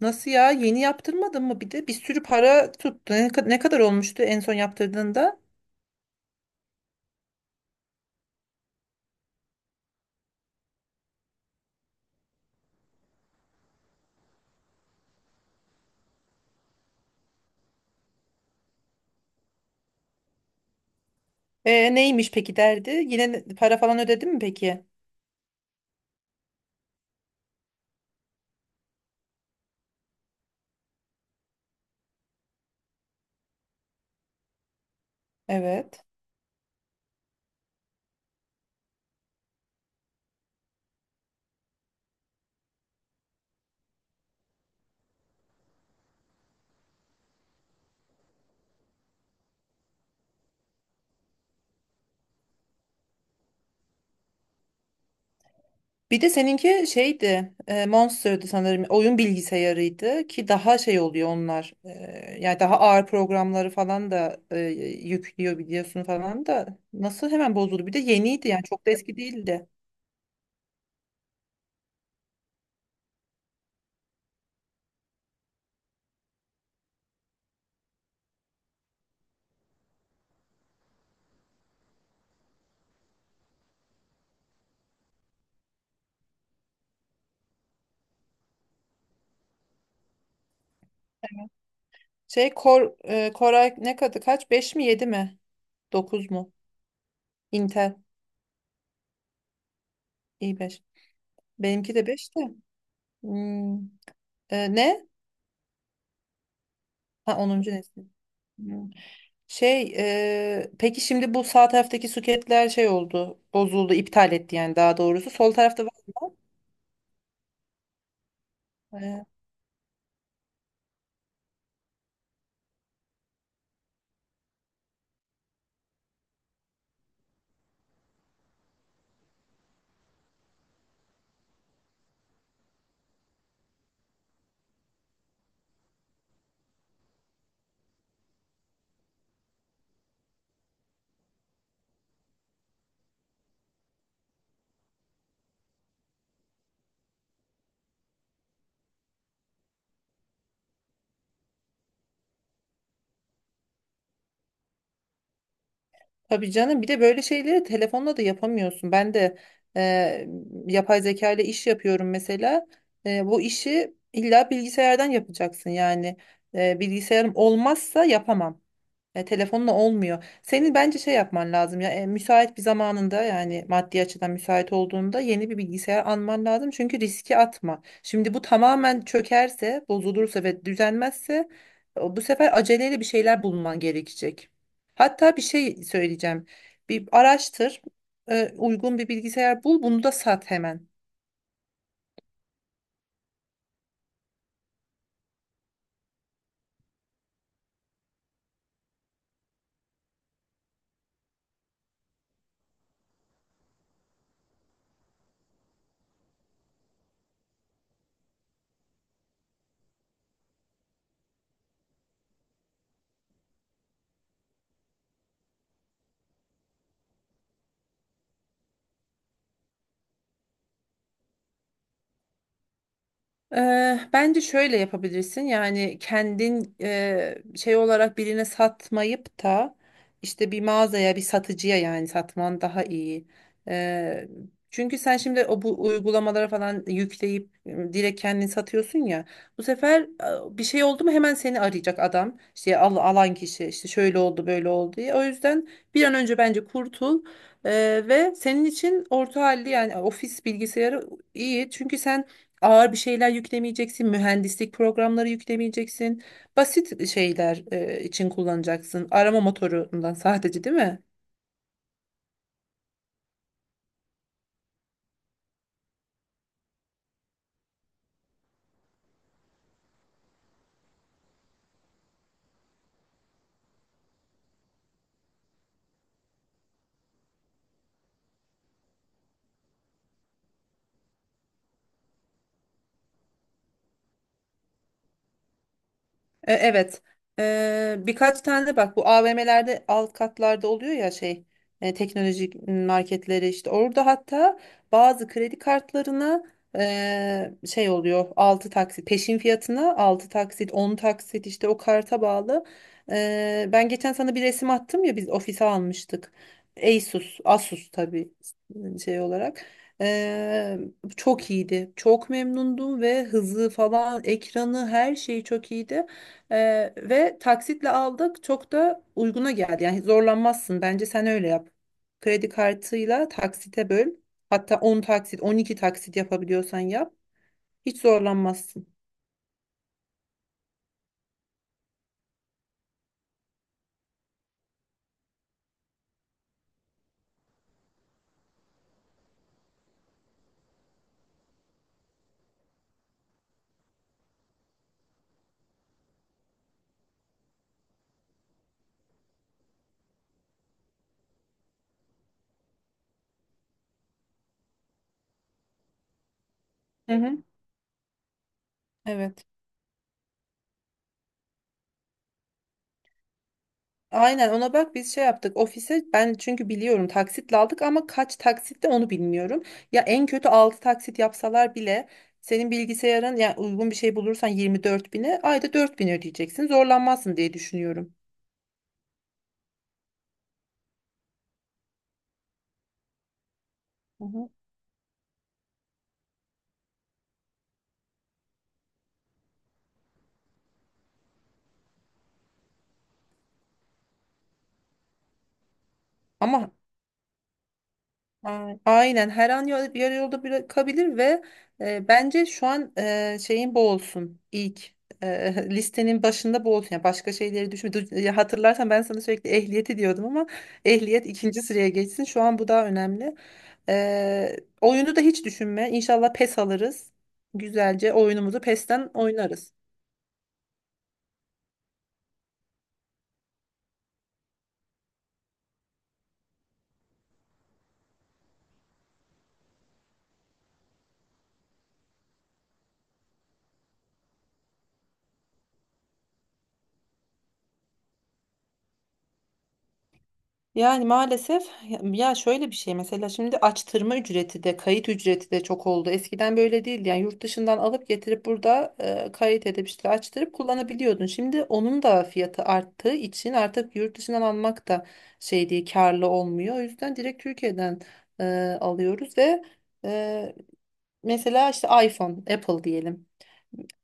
Nasıl ya? Yeni yaptırmadın mı bir de? Bir sürü para tuttu. Ne kadar olmuştu en son yaptırdığında? Neymiş peki derdi? Yine para falan ödedin mi peki? Evet. Bir de seninki şeydi, Monster'dı sanırım. Oyun bilgisayarıydı ki daha şey oluyor onlar. Yani daha ağır programları falan da yüklüyor biliyorsun falan da. Nasıl hemen bozuldu? Bir de yeniydi yani çok da eski değildi. Şey Koray ne kadı kaç? Beş mi 7 mi? Dokuz mu? Intel i5. Benimki de 5 de. Hmm, Ne? Ha, 10. nesil. Hmm. Şey, peki şimdi bu sağ taraftaki suketler şey oldu, bozuldu, iptal etti yani daha doğrusu. Sol tarafta var. E, tabii canım, bir de böyle şeyleri telefonla da yapamıyorsun. Ben de e, yapay zeka ile iş yapıyorum mesela. Bu işi illa bilgisayardan yapacaksın yani. Bilgisayarım olmazsa yapamam. Telefonla olmuyor. Senin bence şey yapman lazım ya, müsait bir zamanında yani maddi açıdan müsait olduğunda yeni bir bilgisayar alman lazım. Çünkü riski atma. Şimdi bu tamamen çökerse, bozulursa ve düzenmezse bu sefer aceleyle bir şeyler bulman gerekecek. Hatta bir şey söyleyeceğim. Bir araştır, uygun bir bilgisayar bul, bunu da sat hemen. Bence şöyle yapabilirsin, yani kendin şey olarak birine satmayıp da işte bir mağazaya, bir satıcıya yani satman daha iyi. Eee, Çünkü sen şimdi bu uygulamalara falan yükleyip direkt kendin satıyorsun ya, bu sefer bir şey oldu mu hemen seni arayacak adam, işte alan kişi işte şöyle oldu böyle oldu diye. O yüzden bir an önce bence kurtul. Ve senin için orta halli yani ofis bilgisayarı iyi, çünkü sen ağır bir şeyler yüklemeyeceksin, mühendislik programları yüklemeyeceksin. Basit şeyler için kullanacaksın. Arama motorundan sadece, değil mi? Evet. Birkaç tane de bak, bu AVM'lerde alt katlarda oluyor ya, teknolojik marketleri işte, orada hatta bazı kredi kartlarına şey oluyor, 6 taksit peşin fiyatına 6 taksit, 10 taksit, işte o karta bağlı. Ben geçen sana bir resim attım ya, biz ofise almıştık. Asus, Asus tabii şey olarak. E, Çok iyiydi. Çok memnundum ve hızı falan, ekranı, her şeyi çok iyiydi. Ve taksitle aldık. Çok da uyguna geldi. Yani zorlanmazsın. Bence sen öyle yap. Kredi kartıyla taksite böl. Hatta 10 taksit, 12 taksit yapabiliyorsan yap. Hiç zorlanmazsın. Hı hı. Evet. Aynen, ona bak. Biz şey yaptık ofise, ben çünkü biliyorum taksitle aldık ama kaç taksitte onu bilmiyorum. Ya en kötü 6 taksit yapsalar bile senin bilgisayarın yani uygun bir şey bulursan 24 bine, ayda 4 bin ödeyeceksin, zorlanmazsın diye düşünüyorum. Hı hı. Ama aynen her an yarı yolda bırakabilir ve bence şu an şeyin bu olsun, ilk listenin başında bu olsun. Yani başka şeyleri düşün. Ya hatırlarsan, ben sana sürekli ehliyeti diyordum ama ehliyet ikinci sıraya geçsin. Şu an bu daha önemli. Oyunu da hiç düşünme. İnşallah PES alırız. Güzelce oyunumuzu PES'ten oynarız. Yani maalesef, ya şöyle bir şey mesela, şimdi açtırma ücreti de kayıt ücreti de çok oldu. Eskiden böyle değildi. Yani yurt dışından alıp getirip burada kayıt edip işte açtırıp kullanabiliyordun. Şimdi onun da fiyatı arttığı için artık yurt dışından almak da şey değil, karlı olmuyor. O yüzden direkt Türkiye'den e, alıyoruz ve e, mesela işte iPhone, Apple diyelim.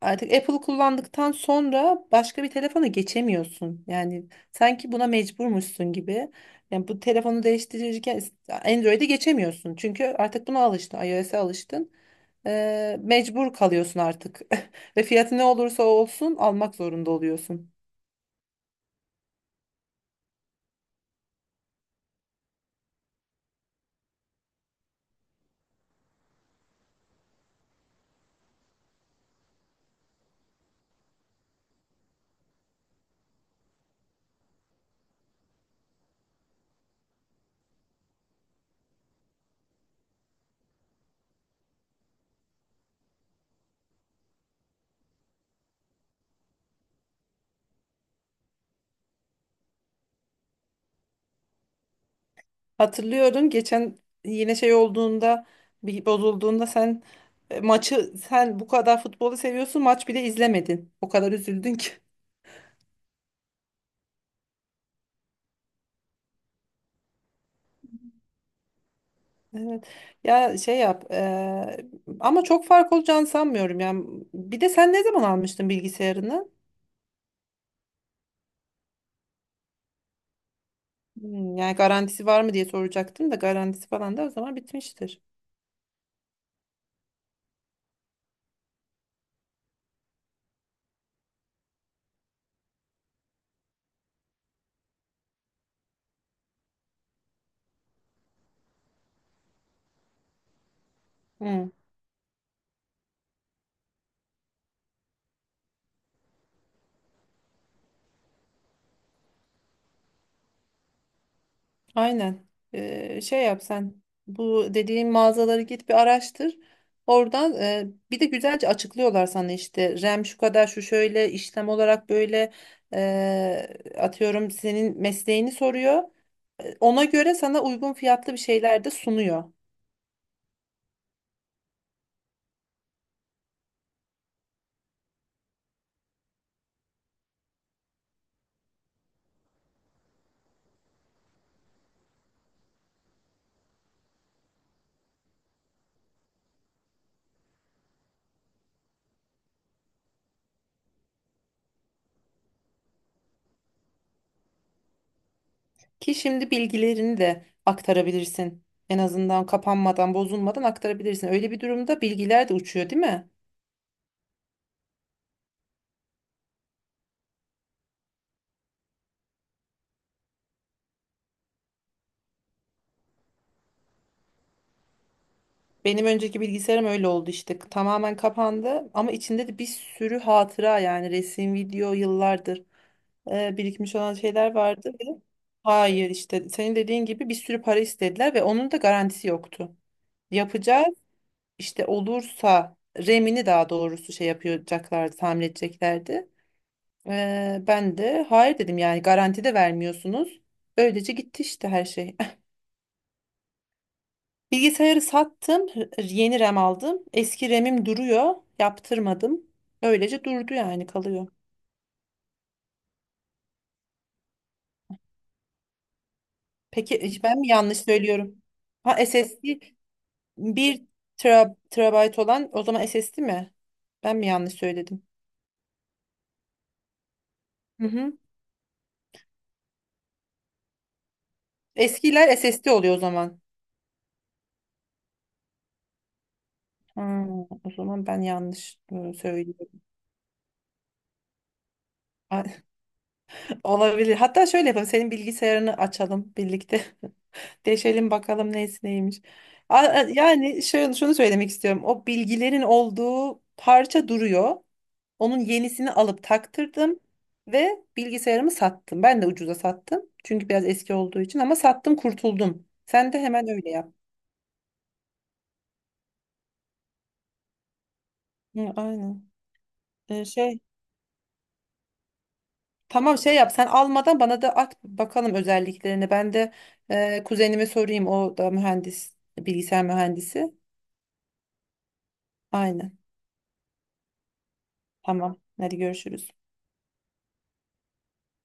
Artık Apple'ı kullandıktan sonra başka bir telefona geçemiyorsun. Yani sanki buna mecburmuşsun gibi. Yani bu telefonu değiştirirken Android'e geçemiyorsun. Çünkü artık buna alıştın, iOS'e alıştın. Mecbur kalıyorsun artık. Ve fiyatı ne olursa olsun almak zorunda oluyorsun. Hatırlıyorum, geçen yine şey olduğunda, bir bozulduğunda sen, e, maçı sen bu kadar futbolu seviyorsun, maç bile izlemedin. O kadar üzüldün ki. Evet. Ya şey yap. Ama çok fark olacağını sanmıyorum. Yani bir de sen ne zaman almıştın bilgisayarını? Yani garantisi var mı diye soracaktım da, garantisi falan da o zaman bitmiştir. Hmm, aynen. Şey yap sen. Bu dediğim mağazaları git bir araştır. Oradan bir de güzelce açıklıyorlar sana, işte RAM şu kadar, şu şöyle işlem olarak böyle, atıyorum senin mesleğini soruyor. Ona göre sana uygun fiyatlı bir şeyler de sunuyor. Ki şimdi bilgilerini de aktarabilirsin. En azından kapanmadan, bozulmadan aktarabilirsin. Öyle bir durumda bilgiler de uçuyor, değil mi? Benim önceki bilgisayarım öyle oldu işte. Tamamen kapandı ama içinde de bir sürü hatıra, yani resim, video, yıllardır birikmiş olan şeyler vardı. Ve hayır, işte senin dediğin gibi bir sürü para istediler ve onun da garantisi yoktu. Yapacağız, işte olursa RAM'ini, daha doğrusu şey yapacaklardı, tamir edeceklerdi. Ben de hayır dedim, yani garanti de vermiyorsunuz. Öylece gitti işte her şey. Bilgisayarı sattım, yeni RAM aldım. Eski RAM'im duruyor, yaptırmadım. Öylece durdu, yani kalıyor. Peki ben mi yanlış söylüyorum? Ha, SSD. Bir terabayt olan o zaman SSD mi? Ben mi yanlış söyledim? Hı hı. Eskiler SSD oluyor o zaman. Ha, o zaman ben yanlış söylüyorum. Olabilir. Hatta şöyle yapalım. Senin bilgisayarını açalım birlikte. Deşelim bakalım neyse neymiş. Yani şunu söylemek istiyorum. O bilgilerin olduğu parça duruyor. Onun yenisini alıp taktırdım ve bilgisayarımı sattım. Ben de ucuza sattım. Çünkü biraz eski olduğu için, ama sattım kurtuldum. Sen de hemen öyle yap. Hı, aynen. Ee, şey tamam, şey yap, sen almadan bana da at bakalım özelliklerini. Ben de kuzenime sorayım, o da mühendis, bilgisayar mühendisi. Aynen. Tamam. Hadi görüşürüz.